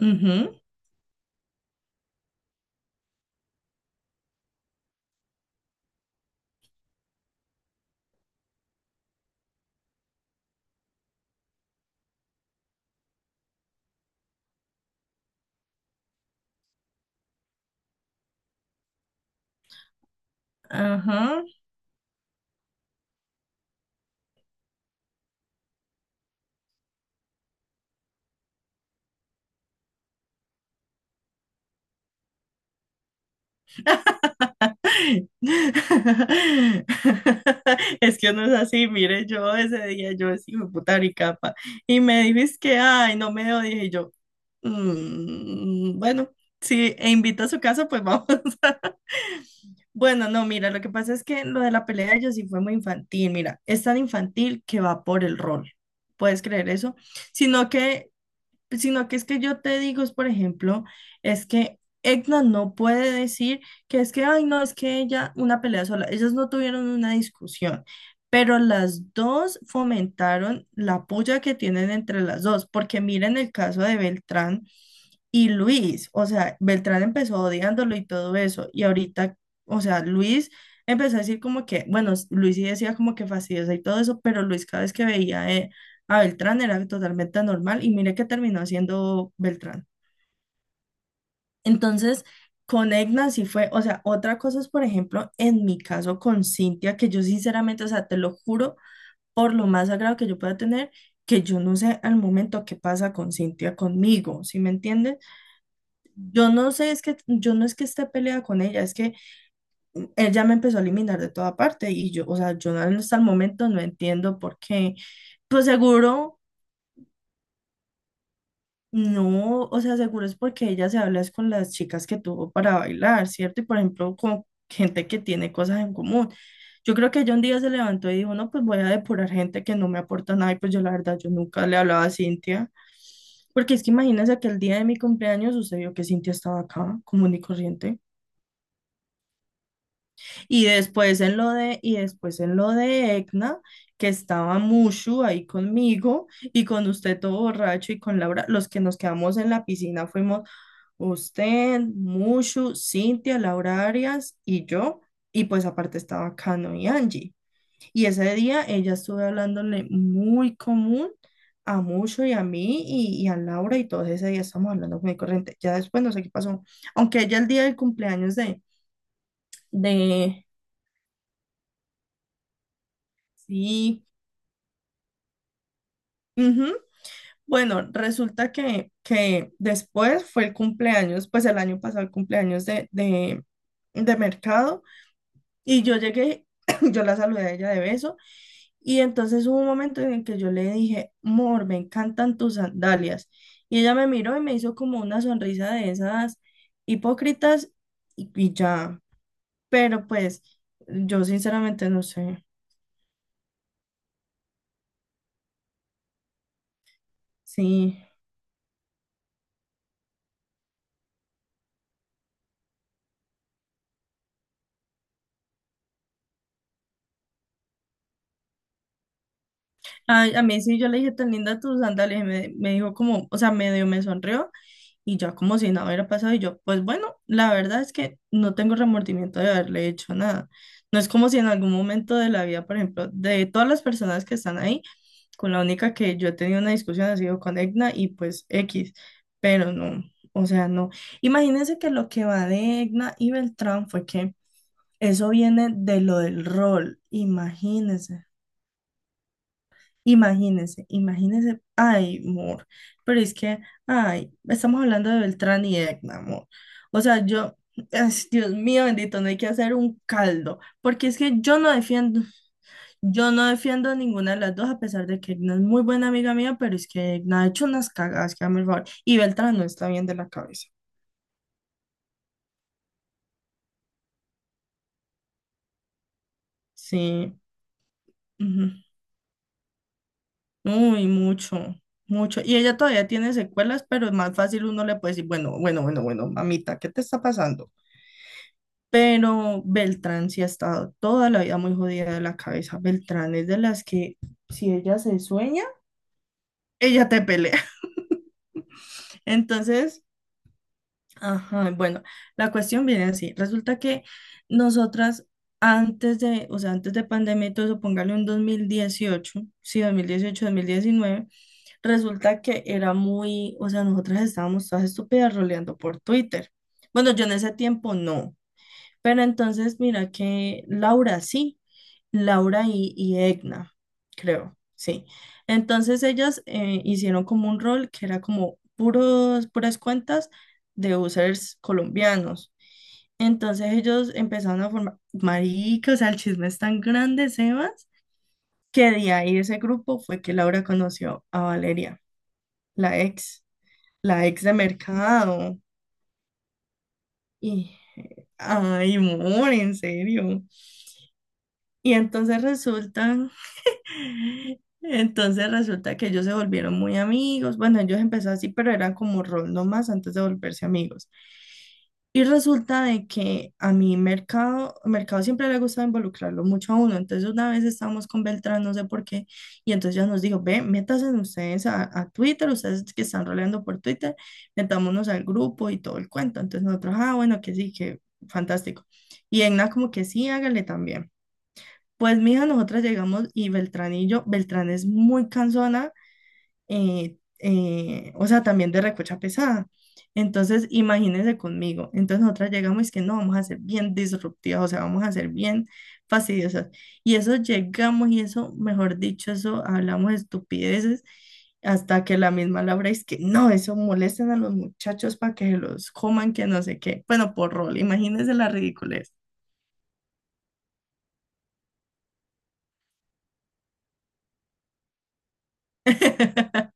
Ujú. Ajá. Es que uno es así, mire, yo ese día yo es hijo de puta capa y me dijiste que, ay, no me dio, dije yo, "Mm, bueno, si e invita a su casa, pues vamos." Bueno, no, mira, lo que pasa es que lo de la pelea de ellos sí fue muy infantil. Mira, es tan infantil que va por el rol, ¿puedes creer eso? Sino que sino que es que yo te digo, es, por ejemplo, es que Edna no puede decir que es que, ay, no, es que ella, una pelea sola, ellas no tuvieron una discusión, pero las dos fomentaron la puya que tienen entre las dos, porque miren el caso de Beltrán y Luis. O sea, Beltrán empezó odiándolo y todo eso, y ahorita, o sea, Luis empezó a decir como que, bueno, Luis sí decía como que fastidiosa y todo eso, pero Luis cada vez que veía, a Beltrán era totalmente normal y mire que terminó siendo Beltrán. Entonces, con Egna sí fue, o sea, otra cosa es, por ejemplo, en mi caso con Cintia, que yo sinceramente, o sea, te lo juro, por lo más sagrado que yo pueda tener, que yo no sé al momento qué pasa con Cintia conmigo, ¿sí me entiendes? Yo no sé, es que yo no es que esté peleada con ella, es que ella me empezó a eliminar de toda parte y yo, o sea, yo no- hasta el momento no entiendo por qué. Pues seguro. No, o sea, seguro es porque ella se habla es con las chicas que tuvo para bailar, ¿cierto? Y por ejemplo, con gente que tiene cosas en común. Yo creo que ella un día se levantó y dijo, no, pues voy a depurar gente que no me aporta nada. Y pues yo la verdad, yo nunca le hablaba a Cintia. Porque es que imagínense que el día de mi cumpleaños sucedió que Cintia estaba acá, común y corriente. Y después en lo de Egna, que estaba Mushu ahí conmigo y con usted todo borracho y con Laura, los que nos quedamos en la piscina fuimos. Usted, Mushu, Cintia, Laura Arias y yo. Y pues aparte estaba Cano y Angie. Y ese día ella estuvo hablándole muy común a Mushu y a mí y a Laura y todos ese día estamos hablando muy corriente. Ya después no sé qué pasó. Aunque ella el día del cumpleaños de... de sí. Ujú. Bueno, resulta que después fue el cumpleaños, pues el año pasado el cumpleaños de Mercado. Y yo llegué, yo la saludé a ella de beso y entonces hubo un momento en el que yo le dije, Mor, me encantan tus sandalias. Y ella me miró y me hizo como una sonrisa de esas hipócritas y ya. Pero pues yo sinceramente no sé. Sí. A mí sí, yo le dije, tan linda tus sandalias. Y me dijo como, o sea, medio me sonrió y ya como si nada hubiera pasado y yo, pues bueno, la verdad es que no tengo remordimiento de haberle hecho nada. No es como si en algún momento de la vida, por ejemplo, de todas las personas que están ahí, con la única que yo he tenido una discusión ha sido con Egna y pues X, pero no, o sea, no. Imagínense que lo que va de Egna y Beltrán fue que eso viene de lo del rol, imagínense. Imagínense, imagínense, ay, amor, pero es que, ay, estamos hablando de Beltrán y Edna, amor. O sea, yo, ay, Dios mío, bendito, no hay que hacer un caldo, porque es que yo no defiendo ninguna de las dos, a pesar de que Edna es muy buena amiga mía, pero es que Edna ha hecho unas cagadas, que dame el favor, y Beltrán no está bien de la cabeza. Sí, ujú. Uy, mucho, mucho. Y ella todavía tiene secuelas, pero es más fácil uno le puede decir, bueno, bueno, bueno, bueno, mamita, ¿qué te está pasando? Pero Beltrán sí ha estado toda la vida muy jodida de la cabeza. Beltrán es de las que si ella se sueña, ella te pelea. Entonces, ajá, bueno, la cuestión viene así. Resulta que nosotras antes de, o sea, antes de pandemia y todo eso, póngale un 2018, sí, 2018, 2019, resulta que era muy, o sea, nosotras estábamos todas estúpidas roleando por Twitter. Bueno, yo en ese tiempo no. Pero entonces mira que Laura sí, Laura y Egna, creo, sí. Entonces ellas hicieron como un rol que era como puros, puras cuentas de users colombianos. Entonces ellos empezaron a formar, marica, o sea, el chisme es tan grande, Sebas, que de ahí ese grupo fue que Laura conoció a Valeria, la ex, la ex de mercado. Y, ay, amor, en serio. Y entonces resulta Entonces resulta que ellos se volvieron muy amigos. Bueno, ellos empezaron así, pero eran como rol nomás antes de volverse amigos. Y resulta de que a mi mercado, mercado siempre le gusta involucrarlo mucho a uno. Entonces una vez estábamos con Beltrán, no sé por qué, y entonces ya nos dijo, ve, métanse ustedes a Twitter, ustedes que están roleando por Twitter, metámonos al grupo y todo el cuento. Entonces nosotros, ah, bueno, que sí, que fantástico. Y Egna como que sí, hágale también. Pues mija, nosotras llegamos y Beltrán y yo, Beltrán es muy cansona, o sea, también de recocha pesada. Entonces, imagínense conmigo. Entonces, nosotras llegamos y es que no, vamos a ser bien disruptivas, o sea, vamos a ser bien fastidiosas. Y eso llegamos y eso, mejor dicho, eso hablamos estupideces hasta que la misma Laura es que no, eso molestan a los muchachos para que se los coman, que no sé qué. Bueno, por rol, imagínense la ridiculez.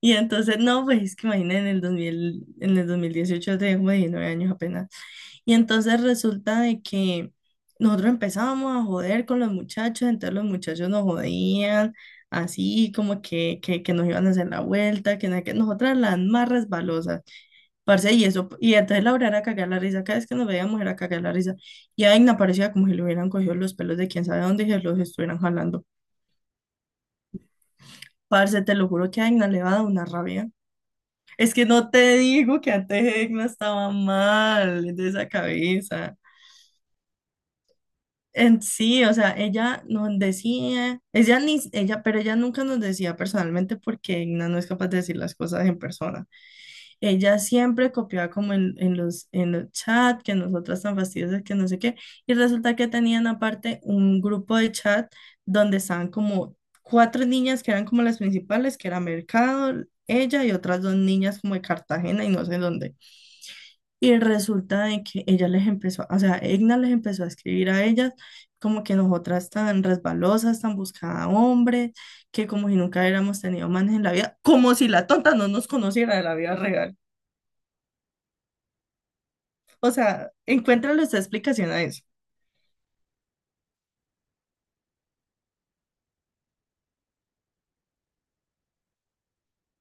Y entonces, no, pues es que imagínense en el 2000, en el 2018 yo tenía como 19 años apenas. Y entonces resulta de que nosotros empezábamos a joder con los muchachos, entonces los muchachos nos jodían, así como que nos iban a hacer la vuelta, que, nada, que nosotras las más resbalosas. Parce, y eso, y entonces Laura era cagar la risa, cada vez que nos veíamos era cagar la risa, y a Aina parecía como si le hubieran cogido los pelos de quién sabe dónde y se los estuvieran jalando. Parce, te lo juro que a Aina le va a dar una rabia. Es que no te digo que antes Egna estaba mal de esa cabeza. En sí, o sea, ella nos decía, ella ni, ella, pero ella nunca nos decía personalmente porque Egna no es capaz de decir las cosas en persona. Ella siempre copiaba como en los chats, que nosotras tan fastidiosas, que no sé qué. Y resulta que tenían aparte un grupo de chat donde estaban como cuatro niñas que eran como las principales, que era Mercado, ella y otras dos niñas como de Cartagena y no sé dónde. Y resulta de que ella les empezó, o sea, Egna les empezó a escribir a ellas como que nosotras tan resbalosas, tan buscada hombre, que como si nunca hubiéramos tenido manes en la vida, como si la tonta no nos conociera de la vida real. O sea, encuéntrale esta explicación a eso.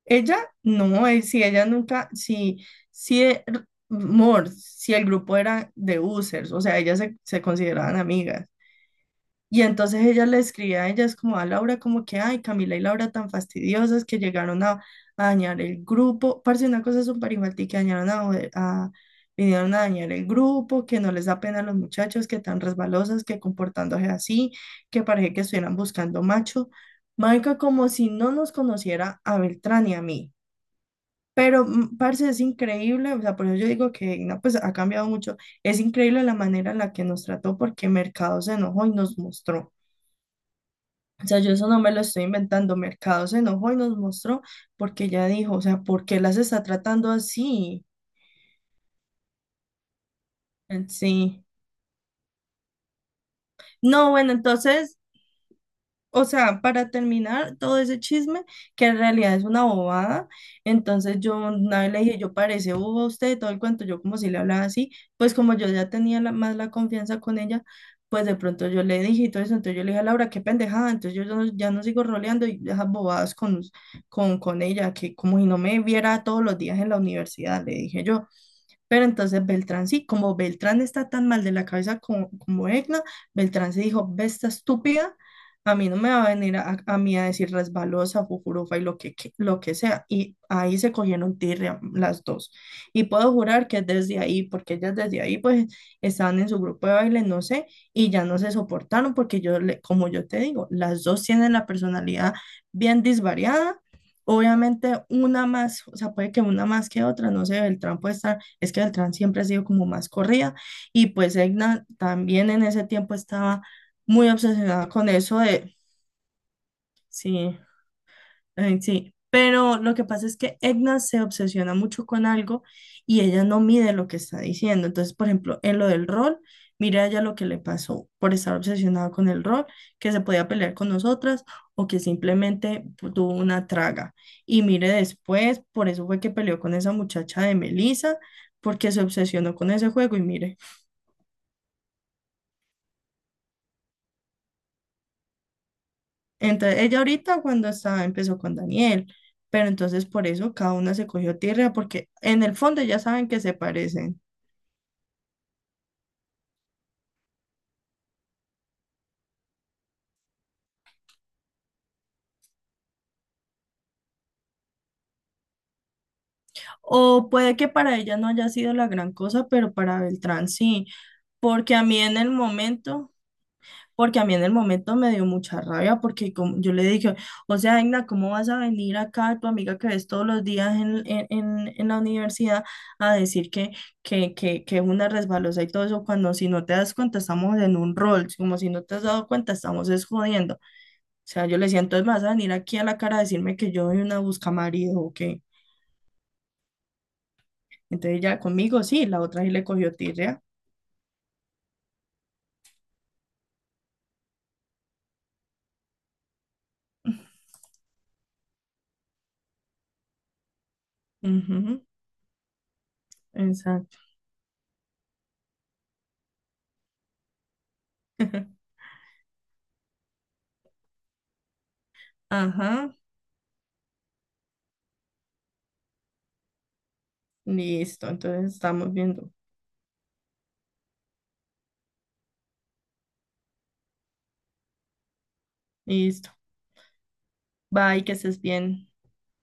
Ella, no, si ella nunca, si, eh, r- amor, si el grupo era de users, o sea, ellas se consideraban amigas. Y entonces ella le escribía a ellas como a Laura, como que, ay, Camila y Laura tan fastidiosas que llegaron a dañar el grupo. Parce, una cosa súper infantil que dañaron a- vinieron a dañar el grupo, que no les da pena a los muchachos, que tan resbalosas, que comportándose así, que parece que estuvieran buscando macho. Marica, como si no nos conociera a Beltrán y a mí. Pero, parce, es increíble, o sea, por eso yo digo que no, pues ha cambiado mucho. Es increíble la manera en la que nos trató porque Mercado se enojó y nos mostró. O sea, yo eso no me lo estoy inventando. Mercado se enojó y nos mostró porque ella dijo, o sea, ¿por qué las está tratando así? En sí. No, bueno, entonces, o sea, para terminar todo ese chisme, que en realidad es una bobada, entonces yo una vez le dije, yo parece boba usted, todo el cuento, yo como si le hablaba así, pues como yo ya tenía más la confianza con ella, pues de pronto yo le dije y todo eso, entonces yo le dije a Laura, qué pendejada, entonces yo ya no, ya no sigo roleando y esas bobadas con ella, que como si no me viera todos los días en la universidad, le dije yo. Pero entonces Beltrán sí, como Beltrán está tan mal de la cabeza como, como Egna, Beltrán se dijo, ve esta estúpida, a mí no me va a venir a mí a decir resbalosa, fujurufa y lo que, lo que sea. Y ahí se cogieron tirria las dos. Y puedo jurar que desde ahí, porque ellas desde ahí pues estaban en su grupo de baile, no sé, y ya no se soportaron porque yo, como yo te digo, las dos tienen la personalidad bien disvariada. Obviamente una más, o sea, puede que una más que otra, no sé, Beltrán puede estar, es que Beltrán siempre ha sido como más corrida y pues Egna también en ese tiempo estaba muy obsesionada con eso de, sí. Ay, sí, pero lo que pasa es que Edna se obsesiona mucho con algo y ella no mide lo que está diciendo. Entonces, por ejemplo, en lo del rol, mira ella lo que le pasó por estar obsesionada con el rol, que se podía pelear con nosotras o que simplemente tuvo una traga. Y mire después, por eso fue que peleó con esa muchacha de Melissa, porque se obsesionó con ese juego y mire. Entonces, ella ahorita cuando estaba empezó con Daniel, pero entonces por eso cada una se cogió tierra, porque en el fondo ya saben que se parecen. O puede que para ella no haya sido la gran cosa, pero para Beltrán sí, porque a mí en el momento porque a mí en el momento me dio mucha rabia porque yo le dije, o sea, Igna, ¿cómo vas a venir acá, tu amiga que ves todos los días en la universidad, a decir que es una resbalosa y todo eso, cuando si no te das cuenta estamos en un rol, como si no te has dado cuenta estamos es jodiendo? O sea, yo le decía, entonces me vas a venir aquí a la cara a decirme que yo soy una buscamarido o qué. Entonces ya conmigo sí, la otra sí le cogió tirria. Ujú, exacto. Ajá, listo, entonces estamos viendo. Listo. Bye, que estés bien.